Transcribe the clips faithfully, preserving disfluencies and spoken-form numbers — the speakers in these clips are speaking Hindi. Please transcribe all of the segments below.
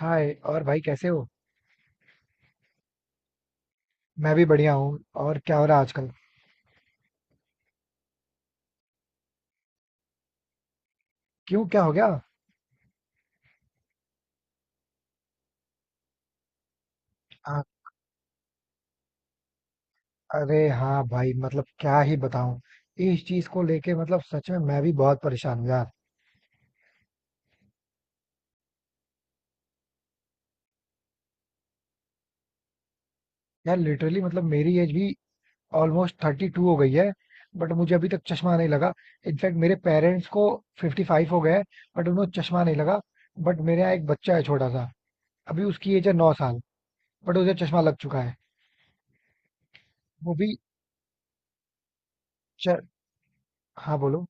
हाय और भाई कैसे हो। मैं भी बढ़िया हूँ। और क्या हो रहा है आजकल। क्यों, क्या हो गया। आ, अरे हाँ भाई, मतलब क्या ही बताऊँ। इस चीज को लेके मतलब सच में मैं भी बहुत परेशान हूँ यार। यार, लिटरली मतलब मेरी एज भी ऑलमोस्ट थर्टी टू हो गई है। बट मुझे अभी तक चश्मा नहीं लगा। इनफैक्ट मेरे पेरेंट्स को फिफ्टी फाइव हो गए हैं, बट उन्हें चश्मा नहीं लगा। बट मेरे यहाँ एक बच्चा है छोटा सा, अभी उसकी एज है नौ साल। बट उसे चश्मा लग चुका है। वो भी च... हाँ बोलो।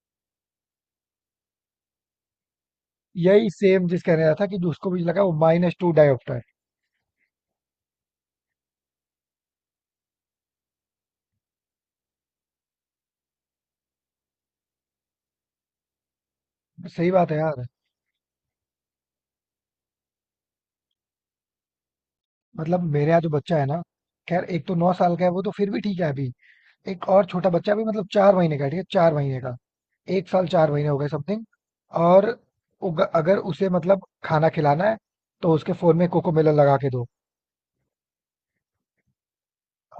यही सेम जिस कह रहा था कि उसको भी लगा, वो माइनस टू डायोप्टर। है। सही बात है यार। मतलब मेरे यहाँ जो बच्चा है ना, खैर एक तो नौ साल का है, वो तो फिर भी ठीक है अभी। एक और छोटा बच्चा भी मतलब चार महीने का है, ठीक है, चार महीने का। एक साल चार महीने हो गए समथिंग। और उग- अगर उसे मतलब खाना खिलाना है, तो उसके फोन में कोको मेलन लगा के दो।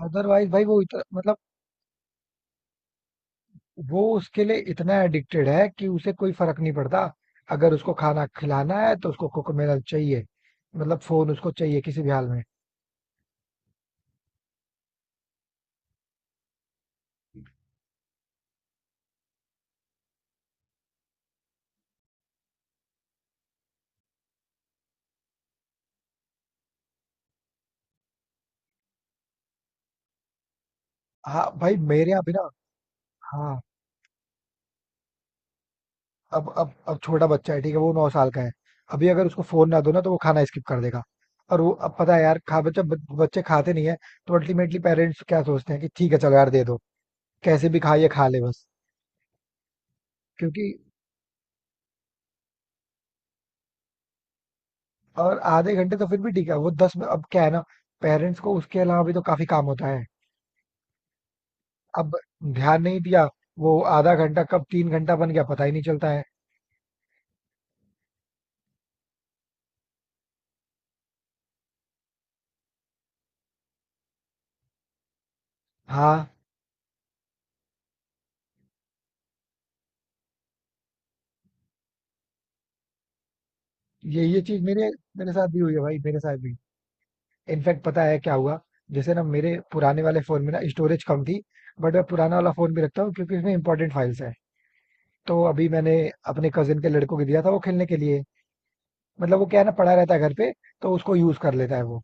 अदरवाइज भाई वो इतना मतलब, वो उसके लिए इतना एडिक्टेड है कि उसे कोई फर्क नहीं पड़ता। अगर उसको खाना खिलाना है तो उसको कोको मेलन चाहिए। मतलब फोन उसको चाहिए किसी भी हाल में। हाँ भाई, मेरे यहाँ भी ना। हाँ। अब अब अब छोटा बच्चा है, ठीक है, वो नौ साल का है। अभी अगर उसको फोन ना दो ना तो वो खाना स्किप कर देगा। और वो, अब पता है यार, खा बच्चा ब- बच्चे खाते नहीं है। तो अल्टीमेटली पेरेंट्स क्या सोचते हैं कि ठीक है, चलो यार दे दो, कैसे भी खा, ये खा ले बस। क्योंकि और आधे घंटे तो फिर भी ठीक है, वो दस में अब क्या है ना, पेरेंट्स को उसके अलावा भी तो काफी काम होता है। अब ध्यान नहीं दिया, वो आधा घंटा कब तीन घंटा बन गया पता ही नहीं चलता है। हाँ, ये ये चीज मेरे मेरे साथ भी हुई है भाई, मेरे साथ भी। इनफैक्ट पता है क्या हुआ, जैसे ना मेरे पुराने वाले फोन में ना स्टोरेज कम थी। बट मैं पुराना वाला फोन भी रखता हूँ क्योंकि उसमें इंपॉर्टेंट फाइल्स है। तो अभी मैंने अपने कजिन के लड़कों को दिया था वो खेलने के लिए। मतलब वो क्या है ना, पड़ा रहता है घर पे, तो उसको यूज कर लेता है वो।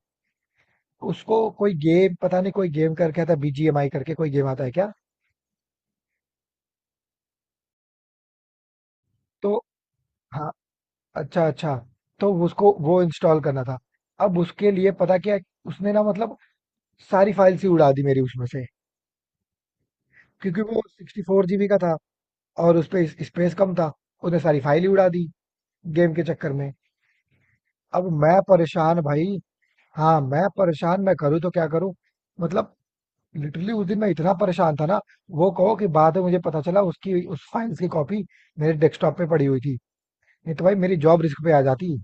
उसको कोई गेम पता नहीं, कोई गेम करके आता है, बी जी एम आई करके कोई गेम आता है क्या। तो हाँ, अच्छा अच्छा, तो उसको वो इंस्टॉल करना था। अब उसके लिए पता क्या, उसने ना मतलब सारी फाइल्स ही उड़ा दी मेरी उसमें से। क्योंकि वो सिक्सटी फोर जीबी का था और उसपे स- स्पेस कम था। उसने सारी फाइल ही उड़ा दी गेम के चक्कर में। अब मैं परेशान भाई। हाँ मैं परेशान, मैं करूँ तो क्या करूँ। मतलब लिटरली उस दिन मैं इतना परेशान था ना, वो कहो कि बाद में मुझे पता चला उसकी उस फाइल्स की कॉपी मेरे डेस्कटॉप पे पड़ी हुई थी, नहीं तो भाई मेरी जॉब रिस्क पे आ जाती।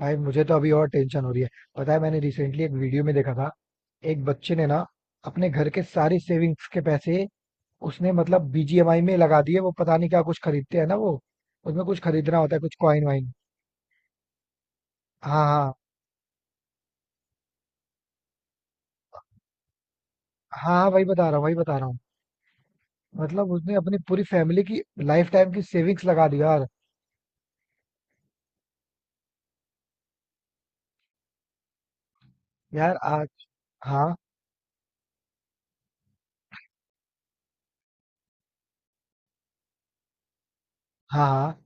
भाई मुझे तो अभी और टेंशन हो रही है। पता है, मैंने रिसेंटली एक वीडियो में देखा था, एक बच्चे ने ना अपने घर के सारे सेविंग्स के पैसे उसने मतलब बी जी एम आई में लगा दिए। वो पता नहीं क्या कुछ खरीदते हैं ना वो, उसमें कुछ खरीदना होता है, कुछ कॉइन वाइन। हाँ हाँ। हाँ हाँ, वही बता रहा हूँ, वही बता रहा हूँ। मतलब उसने अपनी पूरी फैमिली की लाइफ टाइम की सेविंग्स लगा दी यार। यार आज। हाँ हाँ। हाँ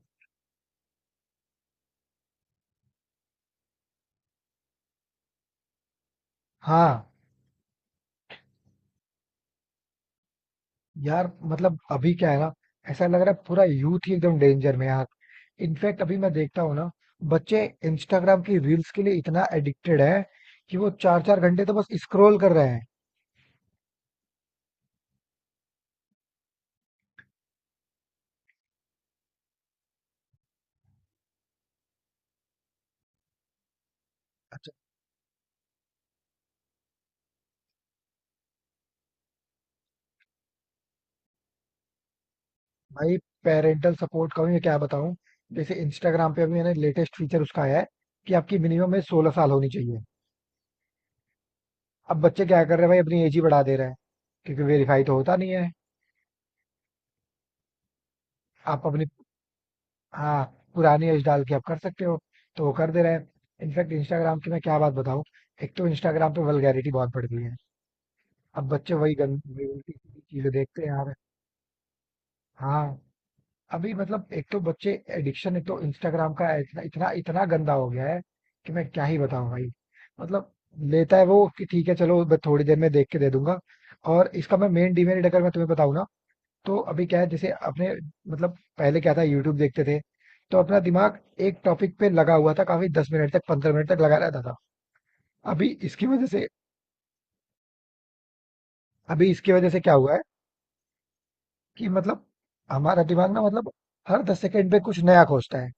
हाँ। यार मतलब अभी क्या है ना, ऐसा लग रहा है पूरा यूथ ही एकदम डेंजर में है यार। इनफैक्ट अभी मैं देखता हूँ ना, बच्चे इंस्टाग्राम की रील्स के लिए इतना एडिक्टेड है कि वो चार चार घंटे तो बस स्क्रॉल कर रहे हैं। भाई पेरेंटल सपोर्ट का भी मैं क्या बताऊं। जैसे इंस्टाग्राम पे अभी मैंने लेटेस्ट फीचर उसका आया है कि आपकी मिनिमम में सोलह साल होनी चाहिए। अब बच्चे क्या कर रहे हैं भाई, अपनी एज ही बढ़ा दे रहे हैं क्योंकि वेरीफाई तो होता नहीं है। आप अपनी, हाँ, पुरानी एज डाल के आप कर सकते हो, तो वो कर दे रहे हैं। इनफैक्ट इंस्टाग्राम की मैं क्या बात बताऊं, एक तो इंस्टाग्राम पे वल्गैरिटी बहुत बढ़ गई है। अब बच्चे वही गंदी चीजें देखते हैं यार। हाँ। अभी मतलब एक तो बच्चे एडिक्शन, एक तो इंस्टाग्राम का इतना इतना इतना गंदा हो गया है कि मैं क्या ही बताऊं भाई। मतलब लेता है वो कि ठीक है, चलो मैं थोड़ी देर में देख के दे दूंगा। और इसका मैं मेन डिमेरिट अगर मैं तुम्हें बताऊं ना, तो अभी क्या है, जैसे अपने, मतलब पहले क्या था, यूट्यूब देखते थे, तो अपना दिमाग एक टॉपिक पे लगा हुआ था काफी, दस मिनट तक, पंद्रह मिनट तक लगा रहता था। अभी इसकी वजह से, अभी इसकी वजह से क्या हुआ है कि मतलब हमारा दिमाग ना, मतलब हर दस सेकंड पे कुछ नया खोजता है।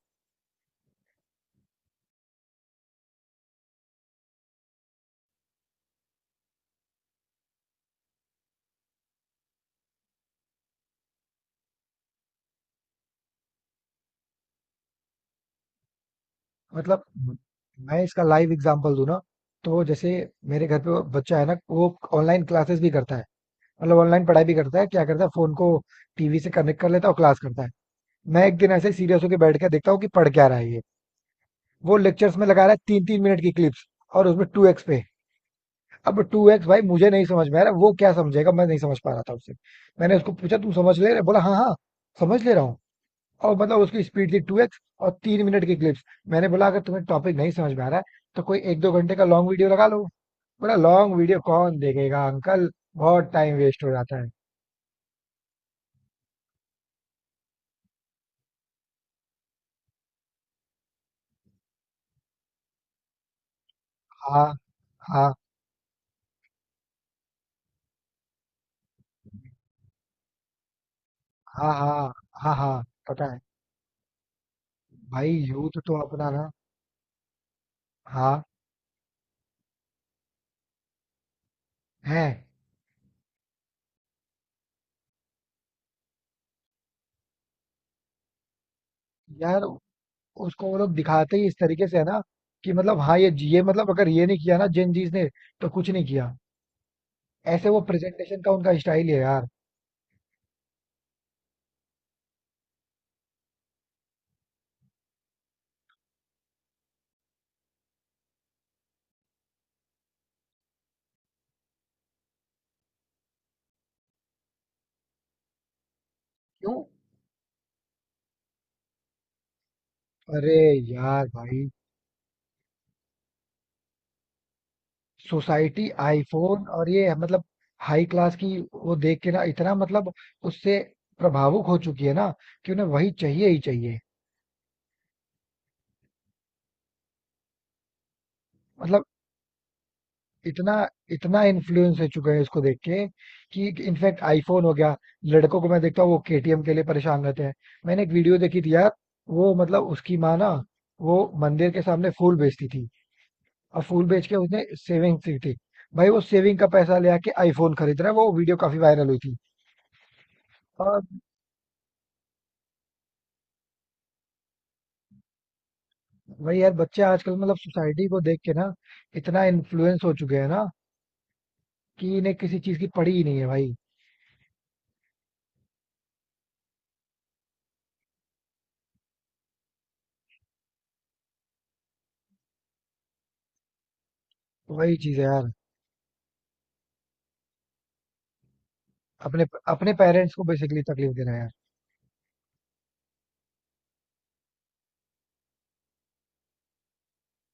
मतलब म- मैं इसका लाइव एग्जांपल दूं ना, तो जैसे मेरे घर पे वो बच्चा है ना, वो ऑनलाइन क्लासेस भी करता है, मतलब ऑनलाइन पढ़ाई भी करता है। क्या करता है, फोन को टीवी से कनेक्ट कर लेता है और क्लास करता है। मैं एक दिन ऐसे सीरियस होकर बैठ के देखता हूँ कि पढ़ क्या रहा है ये, वो लेक्चर्स में लगा रहा है तीन तीन मिनट की क्लिप्स और उसमें टू एक्स पे। अब टू एक्स भाई मुझे नहीं समझ में आ रहा, वो क्या समझेगा, मैं नहीं समझ पा रहा था उससे। मैंने उसको पूछा, "तू समझ ले रहा है?" बोला, हाँ हाँ समझ ले रहा हूँ। और मतलब उसकी स्पीड थी टू एक्स और तीन मिनट की क्लिप्स। मैंने बोला, अगर तुम्हें टॉपिक नहीं समझ में आ रहा है तो कोई एक दो घंटे का लॉन्ग वीडियो लगा लो। बोला, लॉन्ग वीडियो कौन देखेगा अंकल, बहुत टाइम वेस्ट हो जाता है। हाँ हाँ। हाँ हाँ। हाँ हाँ। पता है भाई, यूथ तो अपना ना, हाँ, है यार। उसको वो लोग दिखाते ही इस तरीके से है ना कि मतलब, हाँ, ये ये मतलब अगर ये नहीं किया ना जेन जीज ने तो कुछ नहीं किया। ऐसे वो प्रेजेंटेशन का उनका स्टाइल है यार। क्यों। अरे यार भाई, सोसाइटी आईफोन और ये मतलब हाई क्लास की वो देख के ना इतना मतलब, उससे प्रभावुक हो चुकी है ना, कि उन्हें वही चाहिए ही चाहिए। मतलब इतना, इतना इन्फ्लुएंस हो चुके हैं इसको देख के, कि इनफैक्ट आईफोन हो गया। लड़कों को मैं देखता हूँ वो के टी एम के लिए परेशान रहते हैं। मैंने एक वीडियो देखी थी यार, वो मतलब उसकी माँ ना वो मंदिर के सामने फूल बेचती थी, और फूल बेच के उसने सेविंग की थी। भाई वो सेविंग का पैसा ले आके आईफोन खरीद रहा है, वो वीडियो काफी वायरल हुई थी। और वही यार, बच्चे आजकल मतलब सोसाइटी को देख के ना इतना इन्फ्लुएंस हो चुके हैं ना, कि इन्हें किसी चीज की पड़ी ही नहीं है भाई। वही चीज है यार। अपने अपने पेरेंट्स को बेसिकली तकलीफ दे रहे हैं यार।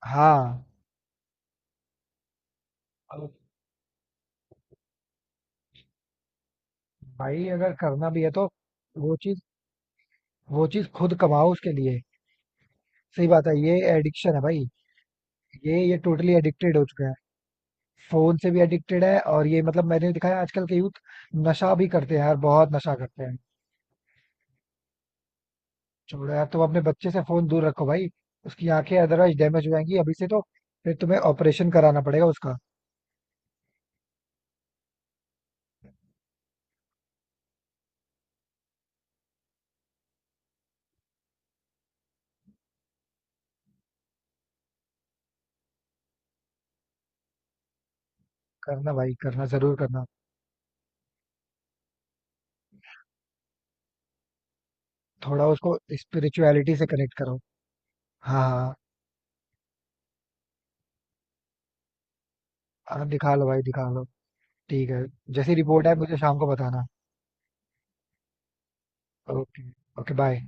हाँ। अब भाई, अगर करना भी है तो वो चीज, वो चीज खुद कमाओ उसके लिए। सही बात है, ये एडिक्शन है भाई। ये ये टोटली एडिक्टेड हो चुके हैं। फोन से भी एडिक्टेड है और ये मतलब मैंने दिखाया, आजकल के यूथ नशा भी करते हैं यार, बहुत नशा करते हैं। छोड़ो यार, तुम अपने बच्चे से फोन दूर रखो भाई, उसकी आंखें अदरवाइज डैमेज हो जाएंगी अभी से तो। फिर तुम्हें ऑपरेशन कराना पड़ेगा उसका। करना भाई, करना, जरूर करना। थोड़ा उसको स्पिरिचुअलिटी से कनेक्ट करो। हाँ हाँ हाँ, दिखा लो भाई, दिखा लो। ठीक है, जैसी रिपोर्ट है मुझे शाम को बताना। ओके। Okay bye.